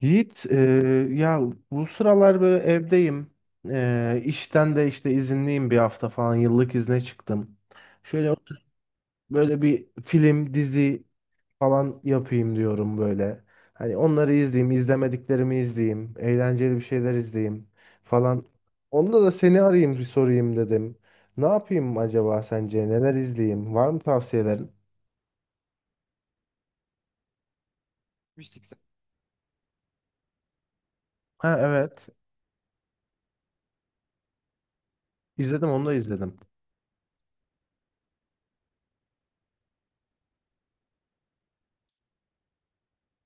Yiğit, ya bu sıralar böyle evdeyim. E, işten de işte izinliyim bir hafta falan yıllık izne çıktım. Şöyle oturup böyle bir film, dizi falan yapayım diyorum böyle. Hani onları izleyeyim, izlemediklerimi izleyeyim, eğlenceli bir şeyler izleyeyim falan. Onda da seni arayayım bir sorayım dedim. Ne yapayım acaba sence? Neler izleyeyim? Var mı tavsiyelerin? Ha, evet. İzledim, onu da izledim.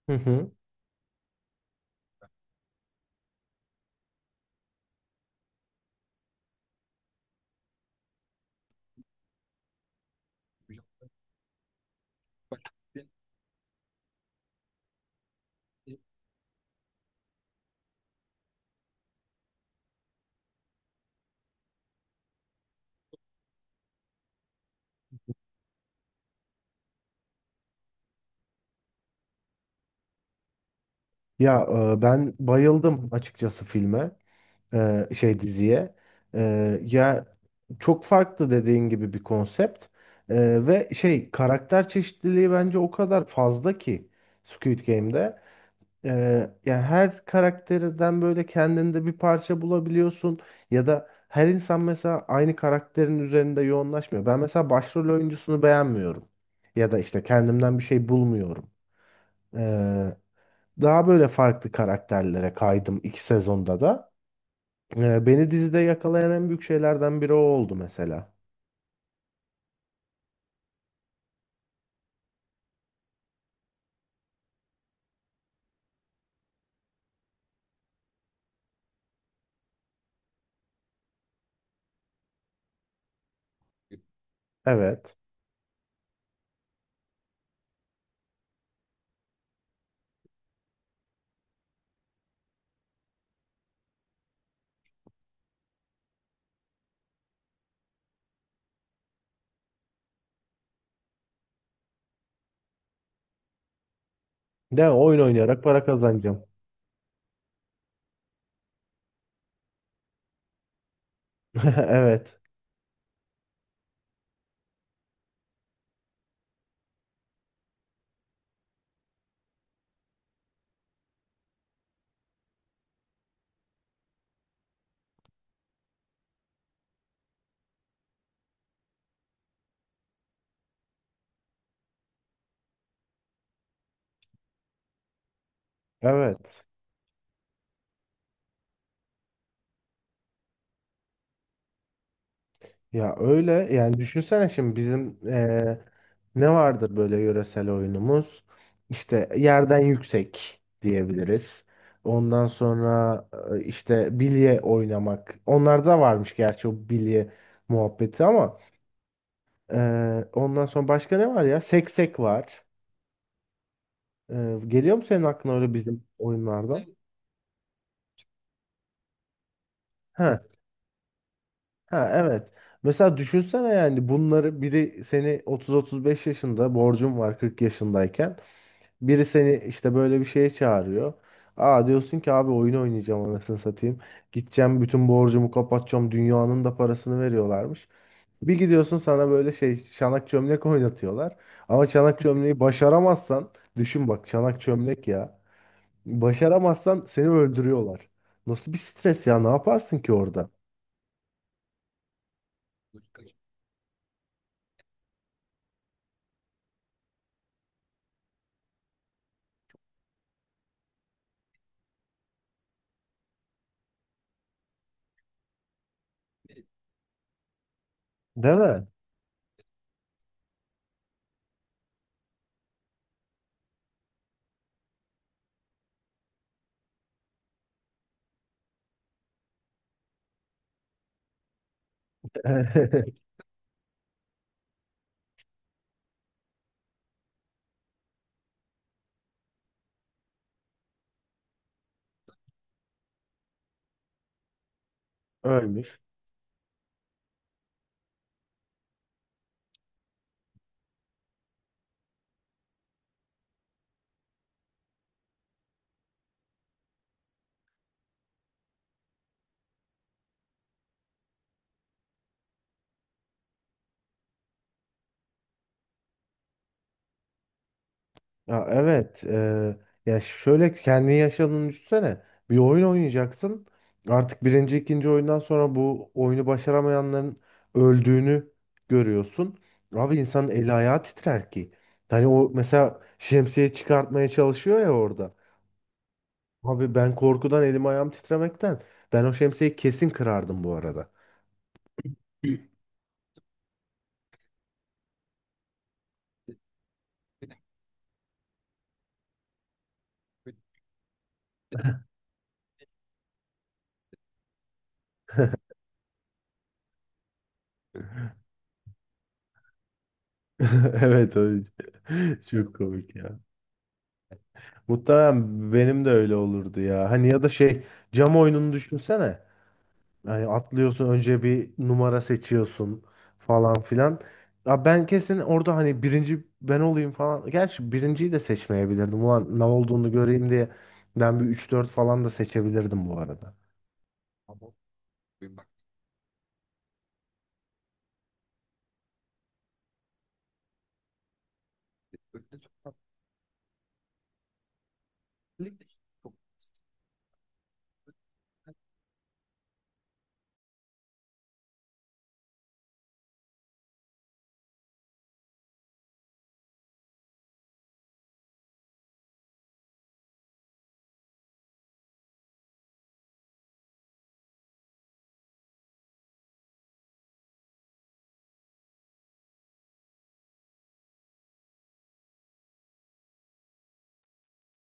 Hı hı. Ya, ben bayıldım açıkçası filme, diziye. Ya çok farklı dediğin gibi bir konsept. Ve şey, karakter çeşitliliği bence o kadar fazla ki Squid Game'de. E, Yani her karakterden böyle kendinde bir parça bulabiliyorsun, ya da her insan mesela aynı karakterin üzerinde yoğunlaşmıyor. Ben mesela başrol oyuncusunu beğenmiyorum, ya da işte kendimden bir şey bulmuyorum. Daha böyle farklı karakterlere kaydım 2 sezonda da. Beni dizide yakalayan en büyük şeylerden biri o oldu mesela. Evet. De oyun oynayarak para kazanacağım. Evet. Evet. Ya, öyle yani. Düşünsene şimdi bizim ne vardır böyle yöresel oyunumuz? İşte yerden yüksek diyebiliriz. Ondan sonra işte bilye oynamak. Onlarda varmış gerçi o bilye muhabbeti ama ondan sonra başka ne var ya? Seksek var. Geliyor mu senin aklına öyle bizim oyunlardan? Ha, ha, evet. Mesela düşünsene, yani bunları biri seni 30-35 yaşında, borcun var 40 yaşındayken. Biri seni işte böyle bir şeye çağırıyor. Aa, diyorsun ki abi oyun oynayacağım, anasını satayım. Gideceğim, bütün borcumu kapatacağım. Dünyanın da parasını veriyorlarmış. Bir gidiyorsun, sana böyle şey, çanak çömlek oynatıyorlar. Ama çanak çömleği başaramazsan, düşün bak, çanak çömlek ya. Başaramazsan seni öldürüyorlar. Nasıl bir stres ya, ne yaparsın ki orada? Değil mi? Ölmüş. Ya, evet. Ya, şöyle kendi yaşadığını düşünsene. Bir oyun oynayacaksın. Artık birinci, ikinci oyundan sonra bu oyunu başaramayanların öldüğünü görüyorsun. Abi, insanın eli ayağı titrer ki. Hani o mesela şemsiye çıkartmaya çalışıyor ya orada. Abi, ben korkudan elim ayağım titremekten. Ben o şemsiyeyi kesin kırardım bu arada. Evet, öyle. Çok komik ya. Muhtemelen benim de öyle olurdu ya. Hani, ya da şey, cam oyununu düşünsene. Yani atlıyorsun, önce bir numara seçiyorsun falan filan. Ya, ben kesin orada hani birinci ben olayım falan. Gerçi birinciyi de seçmeyebilirdim. Ulan ne olduğunu göreyim diye ben bir üç dört falan da seçebilirdim bu arada.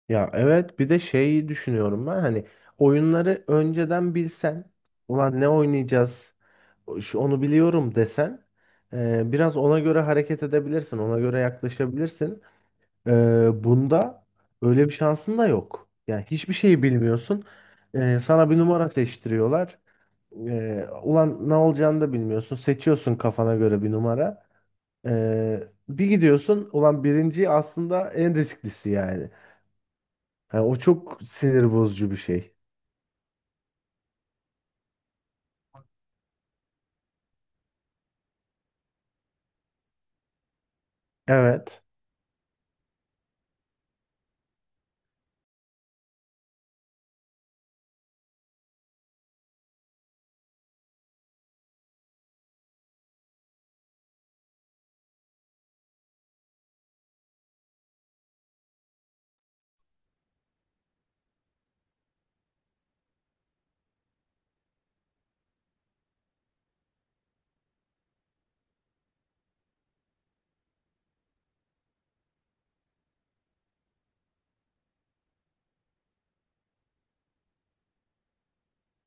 Ya, evet. Bir de şeyi düşünüyorum ben, hani oyunları önceden bilsen, ulan ne oynayacağız, onu biliyorum desen, biraz ona göre hareket edebilirsin, ona göre yaklaşabilirsin. Bunda öyle bir şansın da yok. Yani hiçbir şeyi bilmiyorsun. Sana bir numara seçtiriyorlar. Ulan ne olacağını da bilmiyorsun. Seçiyorsun kafana göre bir numara. Bir gidiyorsun. Ulan birinci aslında en risklisi yani. Yani o çok sinir bozucu bir şey. Evet.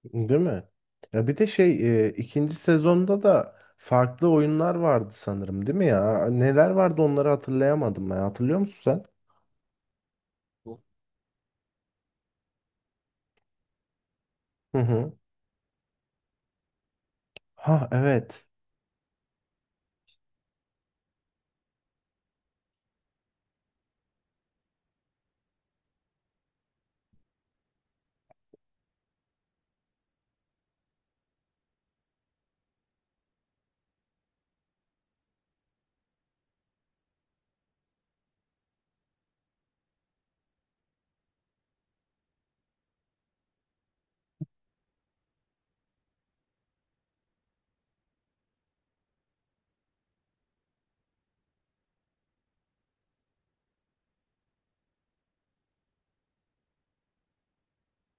Değil mi? Ya, bir de şey, ikinci sezonda da farklı oyunlar vardı sanırım, değil mi ya? Neler vardı, onları hatırlayamadım ben. Hatırlıyor musun sen? Hı hı. Ha, evet.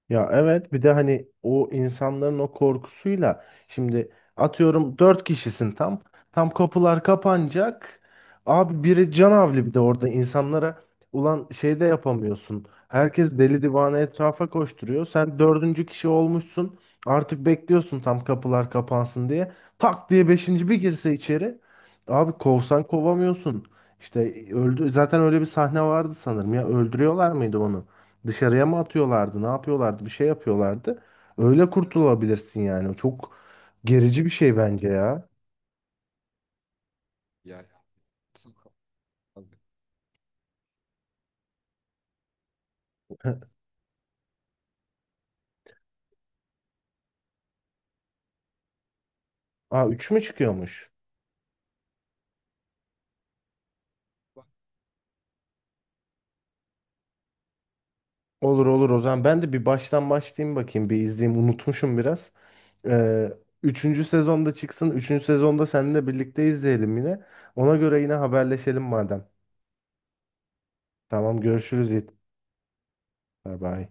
Ya, evet. Bir de hani o insanların o korkusuyla şimdi, atıyorum, 4 kişisin tam. Tam kapılar kapanacak. Abi biri canavli, bir de orada insanlara, ulan şey de yapamıyorsun. Herkes deli divane etrafa koşturuyor. Sen 4. kişi olmuşsun. Artık bekliyorsun tam kapılar kapansın diye. Tak diye beşinci bir girse içeri. Abi kovsan kovamıyorsun. İşte öldü. Zaten öyle bir sahne vardı sanırım ya. Öldürüyorlar mıydı onu? Dışarıya mı atıyorlardı? Ne yapıyorlardı? Bir şey yapıyorlardı. Öyle kurtulabilirsin yani, o çok gerici bir şey bence ya. Aa, 3 mü çıkıyormuş? Olur olur, o zaman ben de bir baştan başlayayım bakayım. Bir izleyeyim, unutmuşum biraz. Ee, Üçüncü sezonda çıksın. Üçüncü sezonda seninle birlikte izleyelim yine. Ona göre yine haberleşelim madem. Tamam, görüşürüz Yiğit. Bay bay.